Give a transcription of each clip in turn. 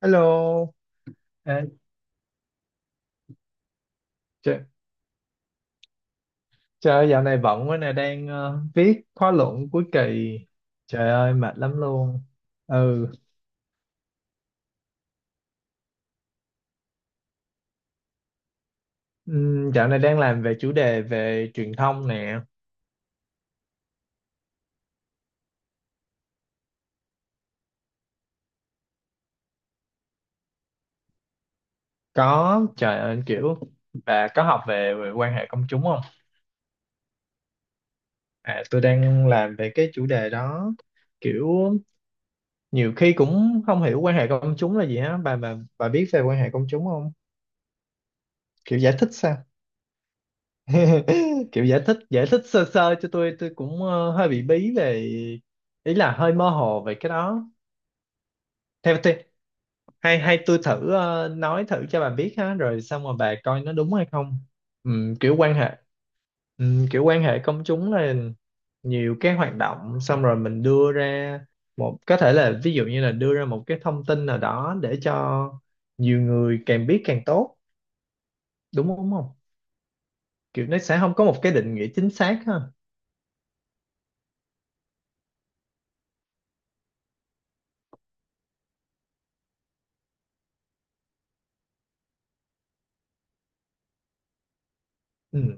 Hello, à, trời, trời ơi, dạo này bận quá nè, đang viết khóa luận cuối kỳ. Trời ơi, mệt lắm luôn. Ừ, dạo này đang làm về chủ đề về truyền thông nè. Có, trời ơi, kiểu, và có học về quan hệ công chúng không? À, tôi đang làm về cái chủ đề đó. Kiểu, nhiều khi cũng không hiểu quan hệ công chúng là gì á. Bà biết về quan hệ công chúng không? Kiểu giải thích sao? Kiểu giải thích sơ sơ cho tôi cũng hơi bị bí về, ý là hơi mơ hồ về cái đó theo tôi. Hay hay tôi thử nói thử cho bà biết ha, rồi xong rồi bà coi nó đúng hay không. Ừm, kiểu quan hệ kiểu quan hệ công chúng là nhiều cái hoạt động, xong rồi mình đưa ra một, có thể là ví dụ như là đưa ra một cái thông tin nào đó để cho nhiều người càng biết càng tốt, đúng không, kiểu nó sẽ không có một cái định nghĩa chính xác ha. Ừ,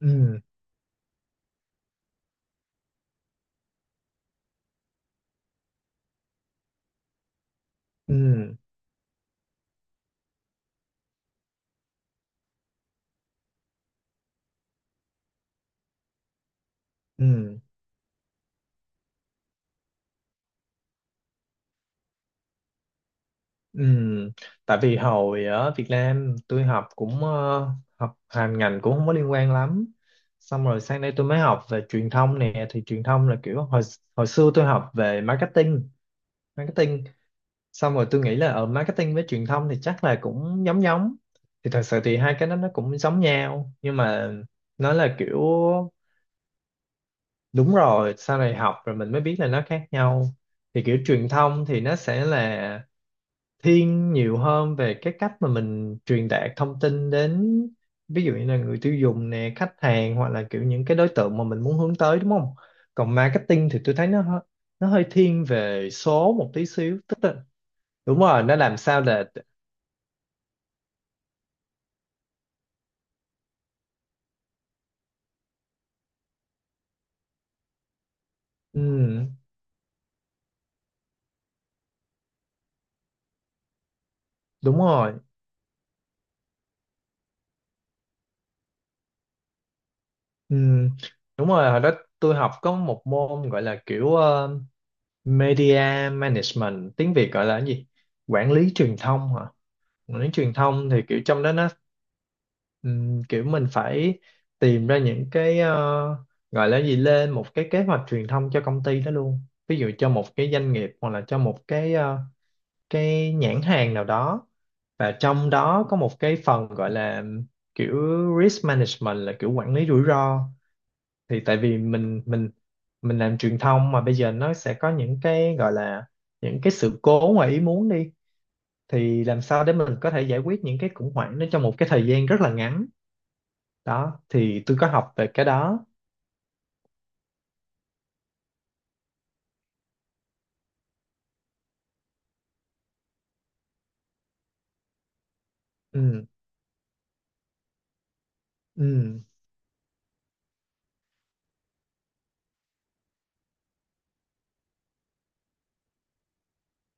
ừ, ừ. Ừ, ừ. Tại vì hồi ở Việt Nam tôi học cũng học hành ngành cũng không có liên quan lắm. Xong rồi sang đây tôi mới học về truyền thông nè, thì truyền thông là kiểu hồi hồi xưa tôi học về marketing, marketing. Xong rồi tôi nghĩ là ở marketing với truyền thông thì chắc là cũng giống giống. Thì thật sự thì hai cái đó nó cũng giống nhau nhưng mà nó là kiểu, đúng rồi, sau này học rồi mình mới biết là nó khác nhau. Thì kiểu truyền thông thì nó sẽ là thiên nhiều hơn về cái cách mà mình truyền đạt thông tin đến, ví dụ như là người tiêu dùng nè, khách hàng, hoặc là kiểu những cái đối tượng mà mình muốn hướng tới, đúng không, còn marketing thì tôi thấy nó hơi thiên về số một tí xíu, tức là đúng rồi, nó làm sao để, ừ, đúng rồi, ừ, đúng rồi. Hồi đó tôi học có một môn gọi là kiểu media management, tiếng Việt gọi là cái gì, quản lý truyền thông hả. Mà đến truyền thông thì kiểu trong đó nó kiểu mình phải tìm ra những cái gọi là gì, lên một cái kế hoạch truyền thông cho công ty đó luôn, ví dụ cho một cái doanh nghiệp hoặc là cho một cái nhãn hàng nào đó, và trong đó có một cái phần gọi là kiểu risk management, là kiểu quản lý rủi ro, thì tại vì mình làm truyền thông mà, bây giờ nó sẽ có những cái gọi là những cái sự cố ngoài ý muốn đi, thì làm sao để mình có thể giải quyết những cái khủng hoảng đó trong một cái thời gian rất là ngắn, đó thì tôi có học về cái đó. Ừ, ừ,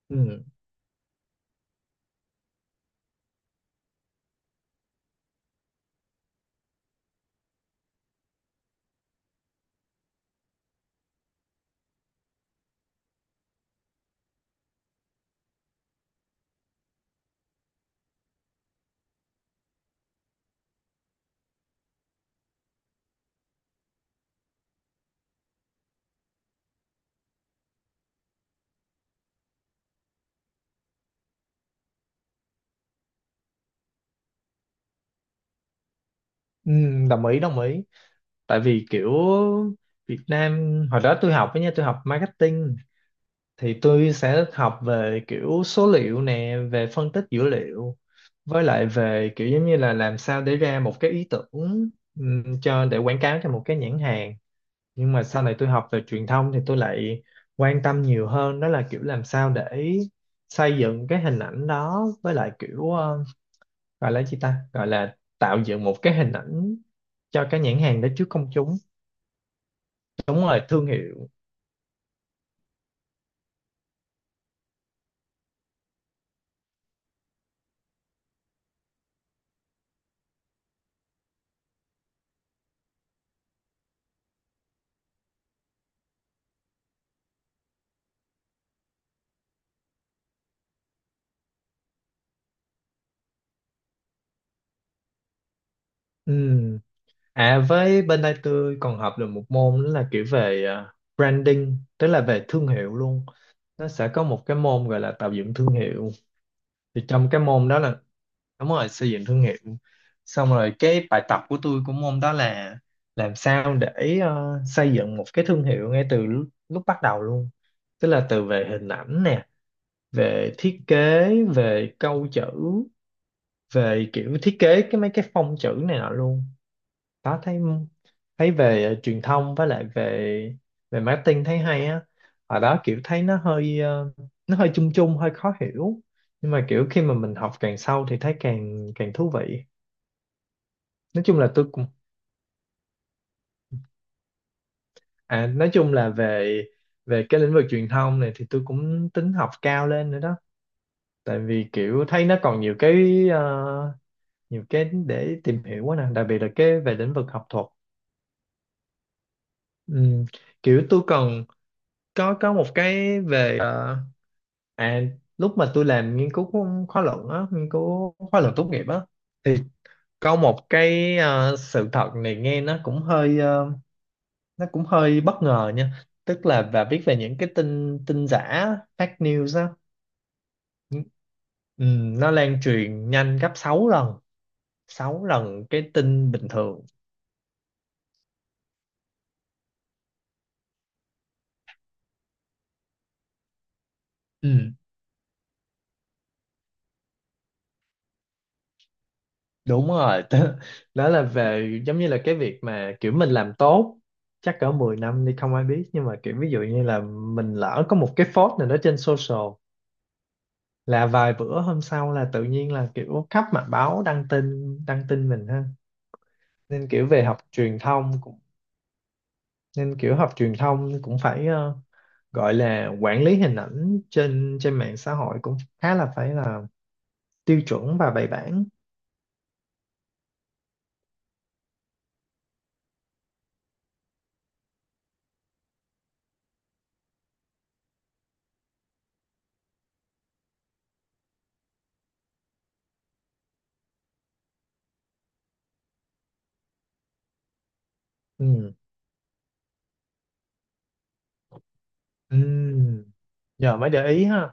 ừ, ừ, đồng ý, đồng ý. Tại vì kiểu Việt Nam, hồi đó tôi học với nha, tôi học marketing thì tôi sẽ học về kiểu số liệu nè, về phân tích dữ liệu, với lại về kiểu giống như là làm sao để ra một cái ý tưởng cho để quảng cáo cho một cái nhãn hàng. Nhưng mà sau này tôi học về truyền thông thì tôi lại quan tâm nhiều hơn, đó là kiểu làm sao để xây dựng cái hình ảnh đó, với lại kiểu gọi là gì ta, gọi là tạo dựng một cái hình ảnh cho cái nhãn hàng đó trước công chúng. Đúng rồi, thương hiệu. Ừm. À, với bên đây tôi còn học được một môn đó là kiểu về branding, tức là về thương hiệu luôn. Nó sẽ có một cái môn gọi là tạo dựng thương hiệu, thì trong cái môn đó là, đúng rồi, xây dựng thương hiệu. Xong rồi cái bài tập của tôi của môn đó là làm sao để xây dựng một cái thương hiệu ngay từ lúc bắt đầu luôn, tức là từ về hình ảnh nè, về thiết kế, về câu chữ, về kiểu thiết kế cái mấy cái phông chữ này nọ luôn. Đó, thấy thấy về truyền thông với lại về về marketing thấy hay á. Ở đó kiểu thấy nó hơi chung chung, hơi khó hiểu, nhưng mà kiểu khi mà mình học càng sâu thì thấy càng càng thú vị. nói chung là tôi cũng nói chung là về về cái lĩnh vực truyền thông này thì tôi cũng tính học cao lên nữa đó, tại vì kiểu thấy nó còn nhiều cái để tìm hiểu quá nè, đặc biệt là cái về lĩnh vực học thuật. Ừm, kiểu tôi còn có một cái về à lúc mà tôi làm nghiên cứu khóa luận tốt nghiệp á, thì có một cái sự thật này nghe nó cũng hơi nó cũng hơi bất ngờ nha, tức là và biết về những cái tin tin giả, fake news á. Ừ, nó lan truyền nhanh gấp 6 lần, 6 lần cái tin bình thường. Ừ, đúng rồi. Đó là về giống như là cái việc mà kiểu mình làm tốt chắc cỡ 10 năm đi không ai biết, nhưng mà kiểu ví dụ như là mình lỡ có một cái post nào đó trên social là vài bữa hôm sau là tự nhiên là kiểu khắp mặt báo đăng tin, đăng tin mình ha, nên kiểu về học truyền thông nên kiểu học truyền thông cũng phải gọi là quản lý hình ảnh trên trên mạng xã hội cũng khá là, phải là tiêu chuẩn và bài bản. Ừ. Ừ. Giờ mới để ý ha.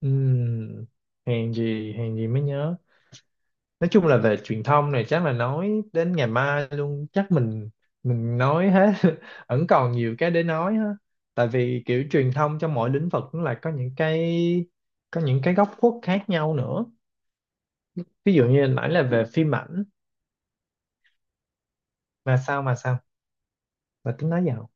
Ừ. Hèn gì mới nhớ. Nói chung là về truyền thông này chắc là nói đến ngày mai luôn, chắc mình nói hết vẫn còn nhiều cái để nói ha, tại vì kiểu truyền thông trong mỗi lĩnh vực cũng là có những cái góc khuất khác nhau nữa, ví dụ như nãy là về phim ảnh. mà sao mà sao mà tính nói giàu.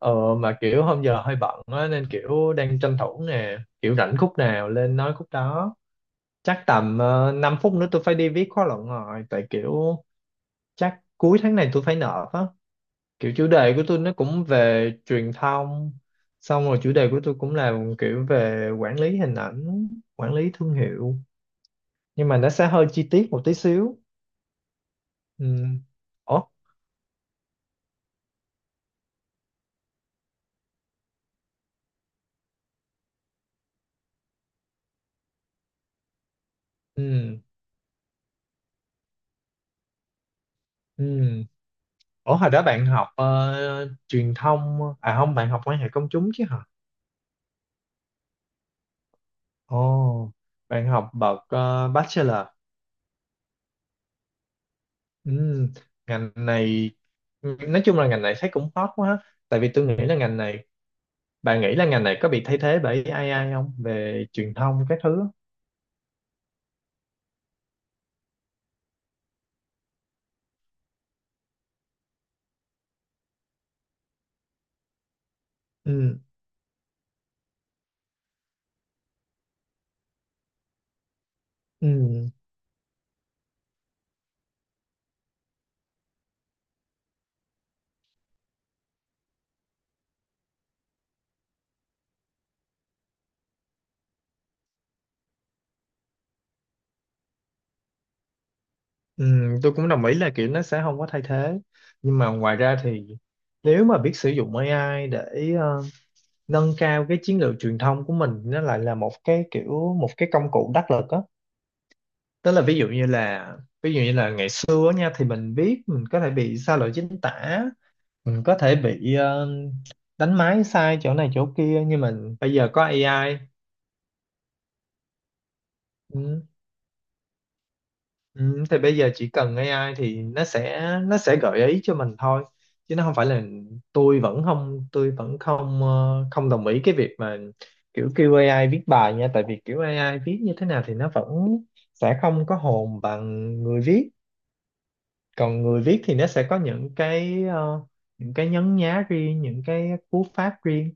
Ờ mà kiểu hôm giờ hơi bận á, nên kiểu đang tranh thủ nè, kiểu rảnh khúc nào lên nói khúc đó. Chắc tầm 5 phút nữa tôi phải đi viết khóa luận rồi, tại kiểu chắc cuối tháng này tôi phải nộp á. Kiểu chủ đề của tôi nó cũng về truyền thông, xong rồi chủ đề của tôi cũng là kiểu về quản lý hình ảnh, quản lý thương hiệu, nhưng mà nó sẽ hơi chi tiết một tí xíu. Ừ. Ủa? Ừ. Ừ. Ủa, hồi đó bạn học truyền thông, à không, bạn học quan hệ công chúng chứ hả? Ồ, bạn học bậc bachelor. Ừm, ngành này, thấy cũng hot quá ha. Tại vì tôi nghĩ là ngành này, bạn nghĩ là ngành này có bị thay thế bởi AI không, về truyền thông các thứ? Ừm, ừm, tôi cũng đồng ý là kiểu nó sẽ không có thay thế. Nhưng mà ngoài ra thì nếu mà biết sử dụng AI để nâng cao cái chiến lược truyền thông của mình, nó lại là một cái công cụ đắc lực á, tức là ví dụ như là ngày xưa nha, thì mình viết mình có thể bị sai lỗi chính tả, mình có thể bị đánh máy sai chỗ này chỗ kia, nhưng mà bây giờ có AI. Ừ, ừ, thì bây giờ chỉ cần AI thì nó sẽ gợi ý cho mình thôi, chứ nó không phải là. Tôi vẫn không đồng ý cái việc mà kiểu kêu AI viết bài nha, tại vì kiểu AI viết như thế nào thì nó vẫn sẽ không có hồn bằng người viết, còn người viết thì nó sẽ có những cái nhấn nhá riêng, những cái cú pháp riêng.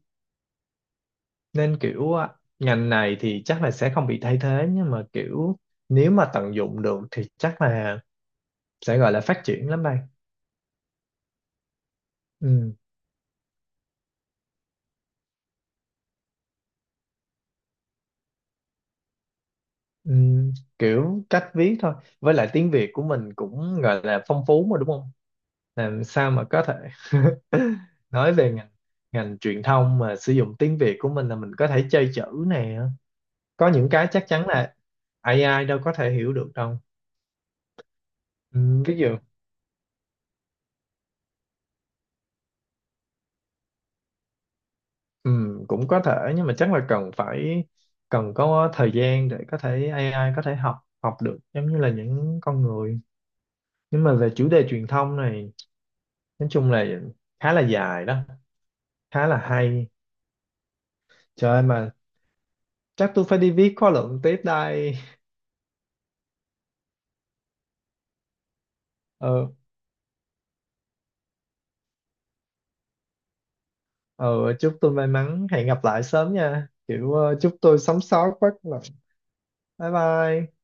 Nên kiểu ngành này thì chắc là sẽ không bị thay thế, nhưng mà kiểu nếu mà tận dụng được thì chắc là sẽ gọi là phát triển lắm đây. Ừ, ừ, kiểu cách viết thôi, với lại tiếng Việt của mình cũng gọi là phong phú mà, đúng không, làm sao mà có thể nói về ngành ngành truyền thông mà sử dụng tiếng Việt của mình là mình có thể chơi chữ này, có những cái chắc chắn là ai ai đâu có thể hiểu được đâu. Ừ, ví dụ. Ừ, cũng có thể nhưng mà chắc là cần có thời gian để có thể ai ai có thể học học được giống như là những con người. Nhưng mà về chủ đề truyền thông này nói chung là khá là dài đó, khá là hay. Trời ơi mà chắc tôi phải đi viết khóa luận tiếp đây. ờ ờ chúc tôi may mắn, hẹn gặp lại sớm nha, kiểu chúc tôi sống sót quá. Bye bye.